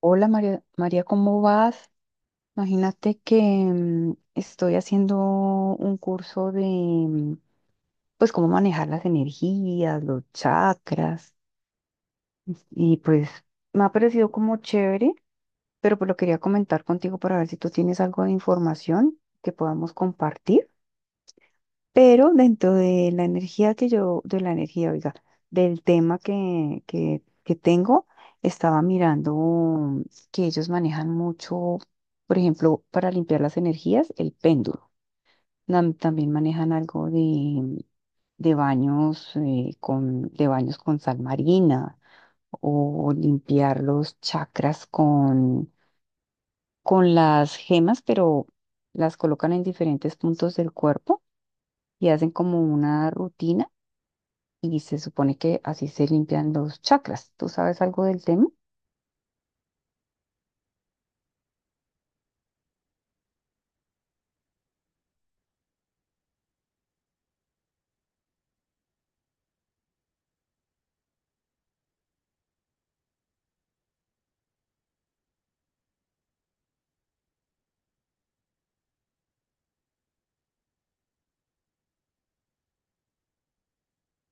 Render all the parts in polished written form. Hola María, ¿cómo vas? Imagínate que estoy haciendo un curso de, pues, cómo manejar las energías, los chakras, y pues me ha parecido como chévere, pero pues lo quería comentar contigo para ver si tú tienes algo de información que podamos compartir. Pero dentro de la energía que yo, de la energía, oiga, del tema que tengo, estaba mirando que ellos manejan mucho, por ejemplo, para limpiar las energías, el péndulo. También manejan algo de baños, con, de baños con sal marina o limpiar los chakras con las gemas, pero las colocan en diferentes puntos del cuerpo y hacen como una rutina y se supone que así se limpian los chakras. ¿Tú sabes algo del tema?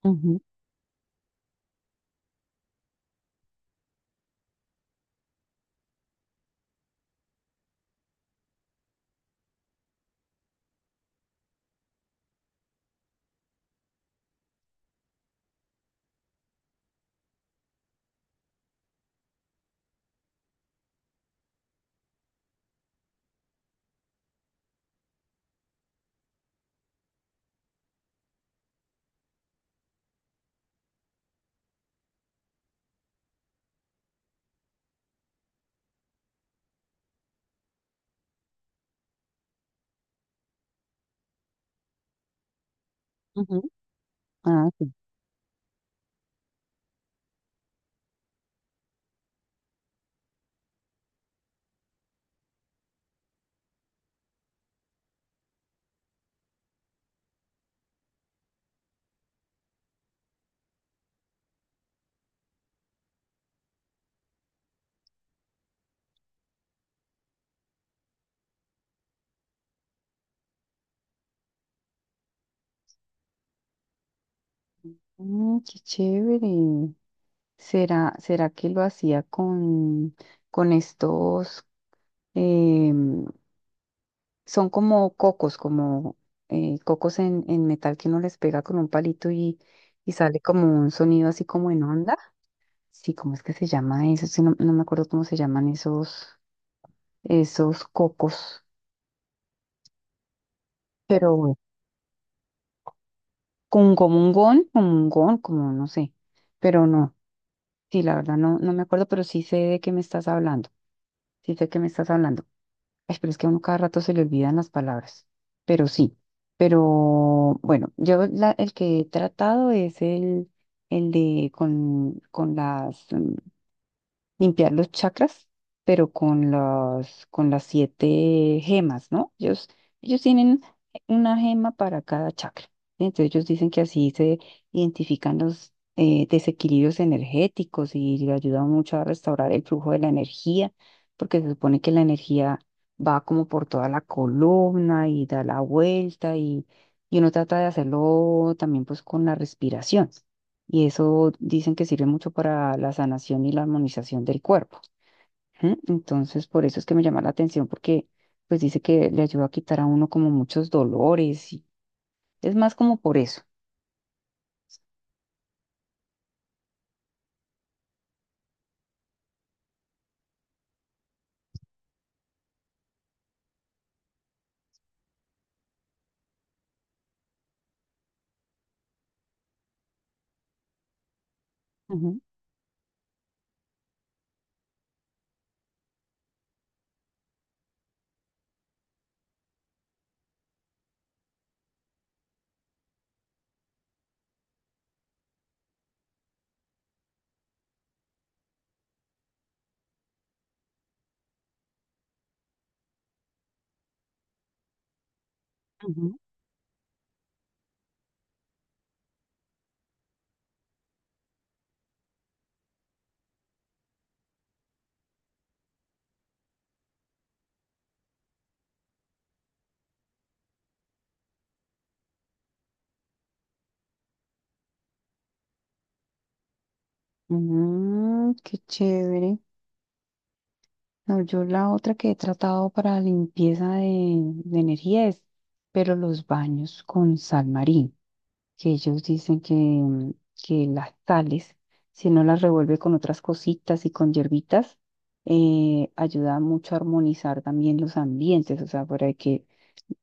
Ujú, ujú. Ah, sí. Mm, qué chévere. ¿Será que lo hacía con estos, em, son como cocos en metal que uno les pega con un palito y sale como un sonido así como en onda? Sí, ¿cómo es que se llama eso? Sí, no me acuerdo cómo se llaman esos cocos, pero bueno. Como un gon, como no sé, pero no, sí, la verdad no me acuerdo, pero sí sé de qué me estás hablando, sí sé de qué me estás hablando. Ay, pero es que a uno cada rato se le olvidan las palabras, pero sí, pero bueno, yo el que he tratado es el de con las, limpiar los chakras, pero con las siete gemas, ¿no? Ellos tienen una gema para cada chakra. ¿Sí? Entonces ellos dicen que así se identifican los desequilibrios energéticos y le ayuda mucho a restaurar el flujo de la energía, porque se supone que la energía va como por toda la columna y da la vuelta y uno trata de hacerlo también pues con la respiración y eso dicen que sirve mucho para la sanación y la armonización del cuerpo. ¿M? Entonces, por eso es que me llama la atención, porque pues dice que le ayuda a quitar a uno como muchos dolores y es más como por eso. Ujú, ujú. Mm, qué chévere. No, yo la otra que he tratado para limpieza de energía es, pero los baños con sal marina. Que ellos dicen que las sales, si no las revuelve con otras cositas y con hierbitas, ayuda mucho a armonizar también los ambientes, o sea, para que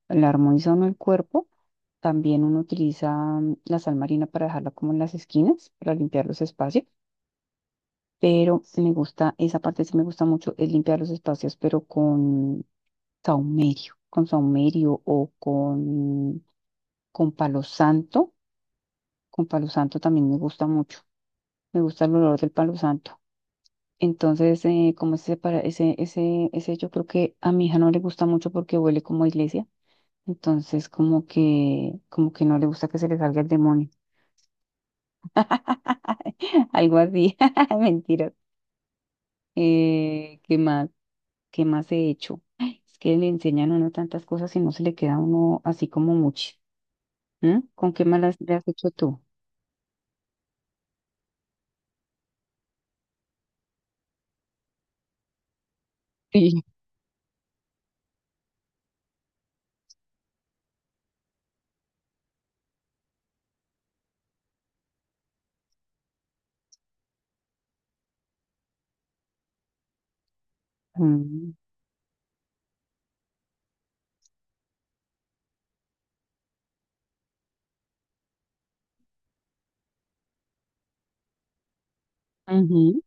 la armoniza uno el cuerpo, también uno utiliza la sal marina para dejarla como en las esquinas, para limpiar los espacios, pero me gusta, esa parte sí me gusta mucho, es limpiar los espacios, pero con saumerio o con palo santo, también me gusta mucho. Me gusta el olor del palo santo. Entonces, como ese, para, yo creo que a mi hija no le gusta mucho porque huele como a iglesia. Entonces, como que no le gusta que se le salga el demonio. Algo así. Mentiras. ¿Qué más? ¿Qué más he hecho? Ay, es que le enseñan a uno tantas cosas y no se le queda a uno así como mucho. ¿Mm? ¿Con qué malas le has hecho tú? Sí. Mm, ujú.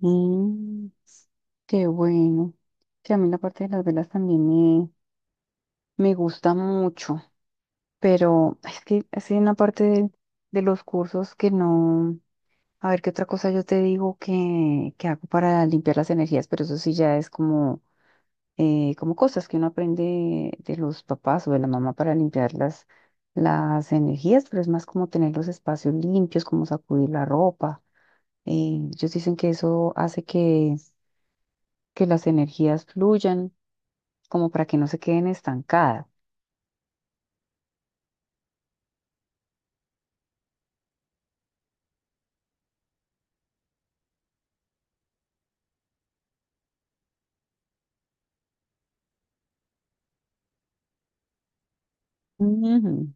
Mm, qué bueno. Sí, a mí la parte de las velas también me gusta mucho, pero es que es una parte de los cursos que no. A ver, qué otra cosa yo te digo que hago para limpiar las energías, pero eso sí ya es como, como cosas que uno aprende de los papás o de la mamá para limpiar las energías, pero es más como tener los espacios limpios, como sacudir la ropa. Ellos dicen que eso hace que las energías fluyan, como para que no se queden estancadas. Ujú,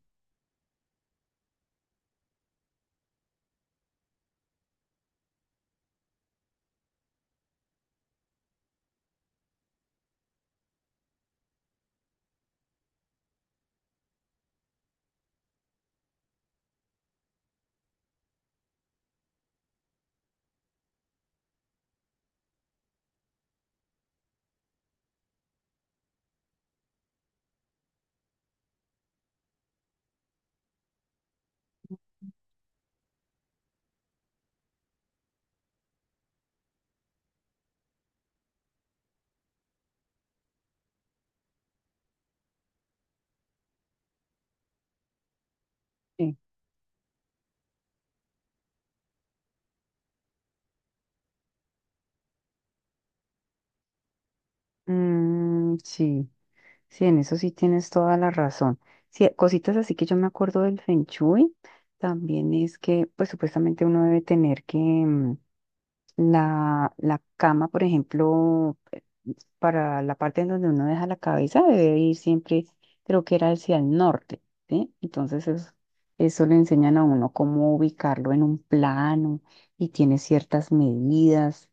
sí. Mm, sí, sí, en eso sí tienes toda la razón. Sí, cositas así que yo me acuerdo del Feng Shui, también es que, pues supuestamente uno debe tener que la cama, por ejemplo, para la parte en donde uno deja la cabeza, debe ir siempre, creo que era hacia el norte, ¿sí? Entonces eso le enseñan a uno cómo ubicarlo en un plano y tiene ciertas medidas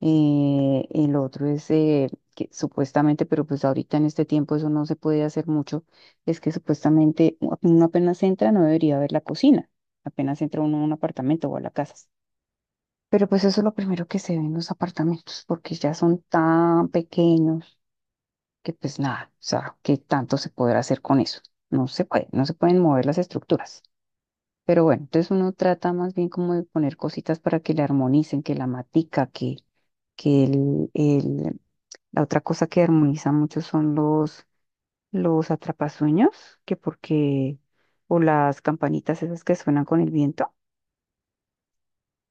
el otro es que supuestamente, pero pues ahorita en este tiempo eso no se puede hacer mucho, es que supuestamente uno apenas entra no debería ver la cocina, apenas entra uno a un apartamento o a la casa. Pero pues eso es lo primero que se ve en los apartamentos, porque ya son tan pequeños que pues nada, o sea, ¿qué tanto se podrá hacer con eso? No se puede, no se pueden mover las estructuras. Pero bueno, entonces uno trata más bien como de poner cositas para que le armonicen, que la matica, que que el, el, la otra cosa que armoniza mucho son los atrapasueños, que porque, o las campanitas esas que suenan con el viento,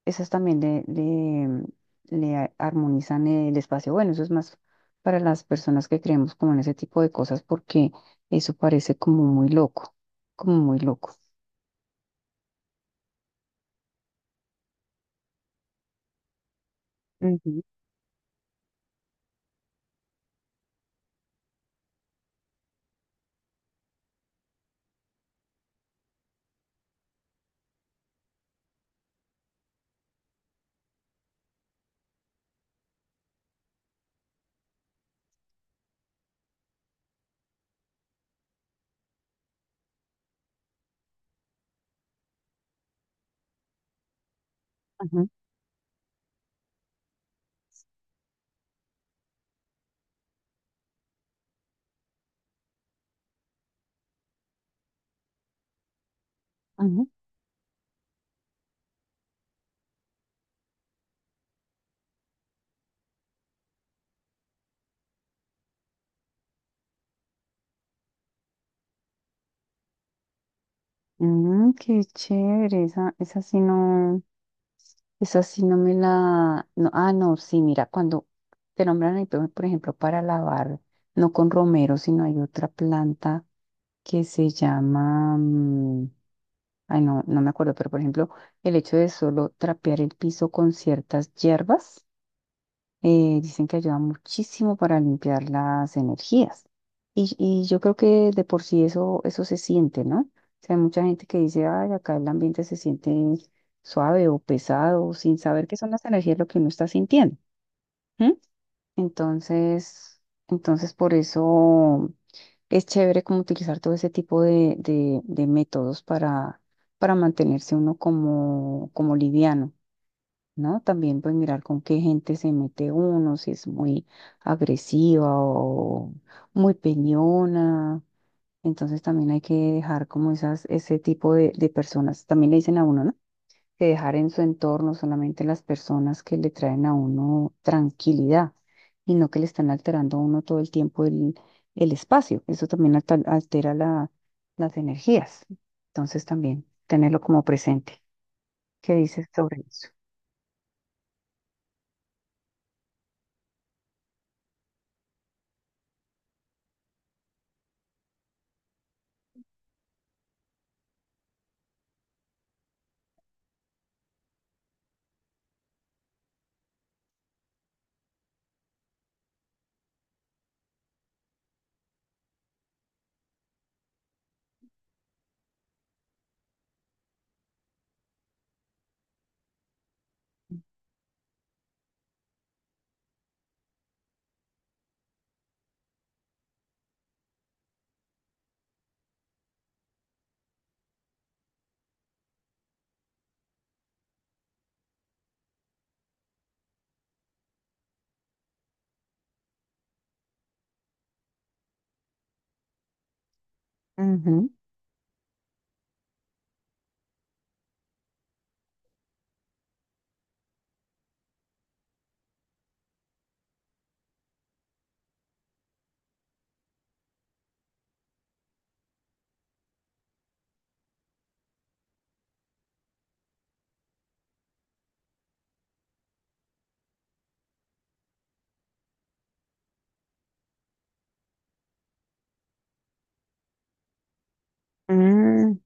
esas también le armonizan el espacio. Bueno, eso es más para las personas que creemos como en ese tipo de cosas, porque eso parece como muy loco, como muy loco. Ujú, ujú, ujú. Mm, qué chévere, esa sí no, esa sí no me la, no, ah, no, sí, mira, cuando te nombran ahí, por ejemplo, para lavar, no con romero, sino hay otra planta que se llama, ay, no, no me acuerdo, pero por ejemplo, el hecho de solo trapear el piso con ciertas hierbas dicen que ayuda muchísimo para limpiar las energías. Y yo creo que de por sí eso se siente, ¿no? O sea, hay mucha gente que dice, ay, acá el ambiente se siente suave o pesado, sin saber qué son las energías lo que uno está sintiendo. ¿M? Entonces, entonces por eso es chévere como utilizar todo ese tipo de métodos para mantenerse uno como liviano. ¿No? También pues mirar con qué gente se mete uno, si es muy agresiva o muy peñona. Entonces también hay que dejar como esas, ese tipo de personas, también le dicen a uno, ¿no? Que dejar en su entorno solamente las personas que le traen a uno tranquilidad y no que le están alterando a uno todo el tiempo el espacio. Eso también altera las energías. Entonces también tenerlo como presente. ¿Qué dices sobre eso? Ujú. Mm,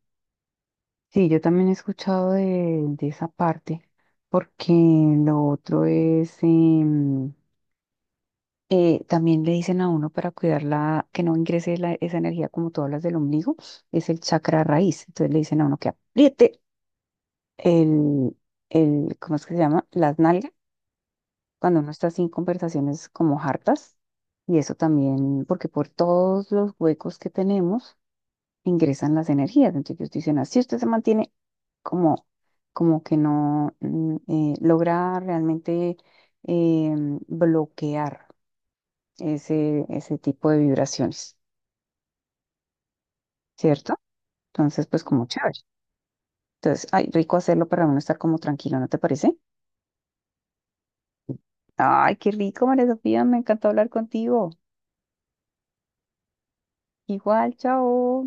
sí, yo también he escuchado de esa parte, porque lo otro es, también le dicen a uno para cuidarla, que no ingrese esa energía como tú hablas del ombligo, es el chakra raíz. Entonces le dicen a uno que apriete el, el, ¿cómo es que se llama? Las nalgas, cuando uno está así en conversaciones como hartas. Y eso también, porque por todos los huecos que tenemos, ingresan las energías. Entonces ellos dicen, así usted se mantiene como, como que no logra realmente eh, bloquear ese tipo de vibraciones, ¿cierto? Entonces, pues como chévere. Entonces, ay, rico hacerlo para uno estar como tranquilo, ¿no te parece? Ay, qué rico, María Sofía, me encantó hablar contigo. Igual, chao.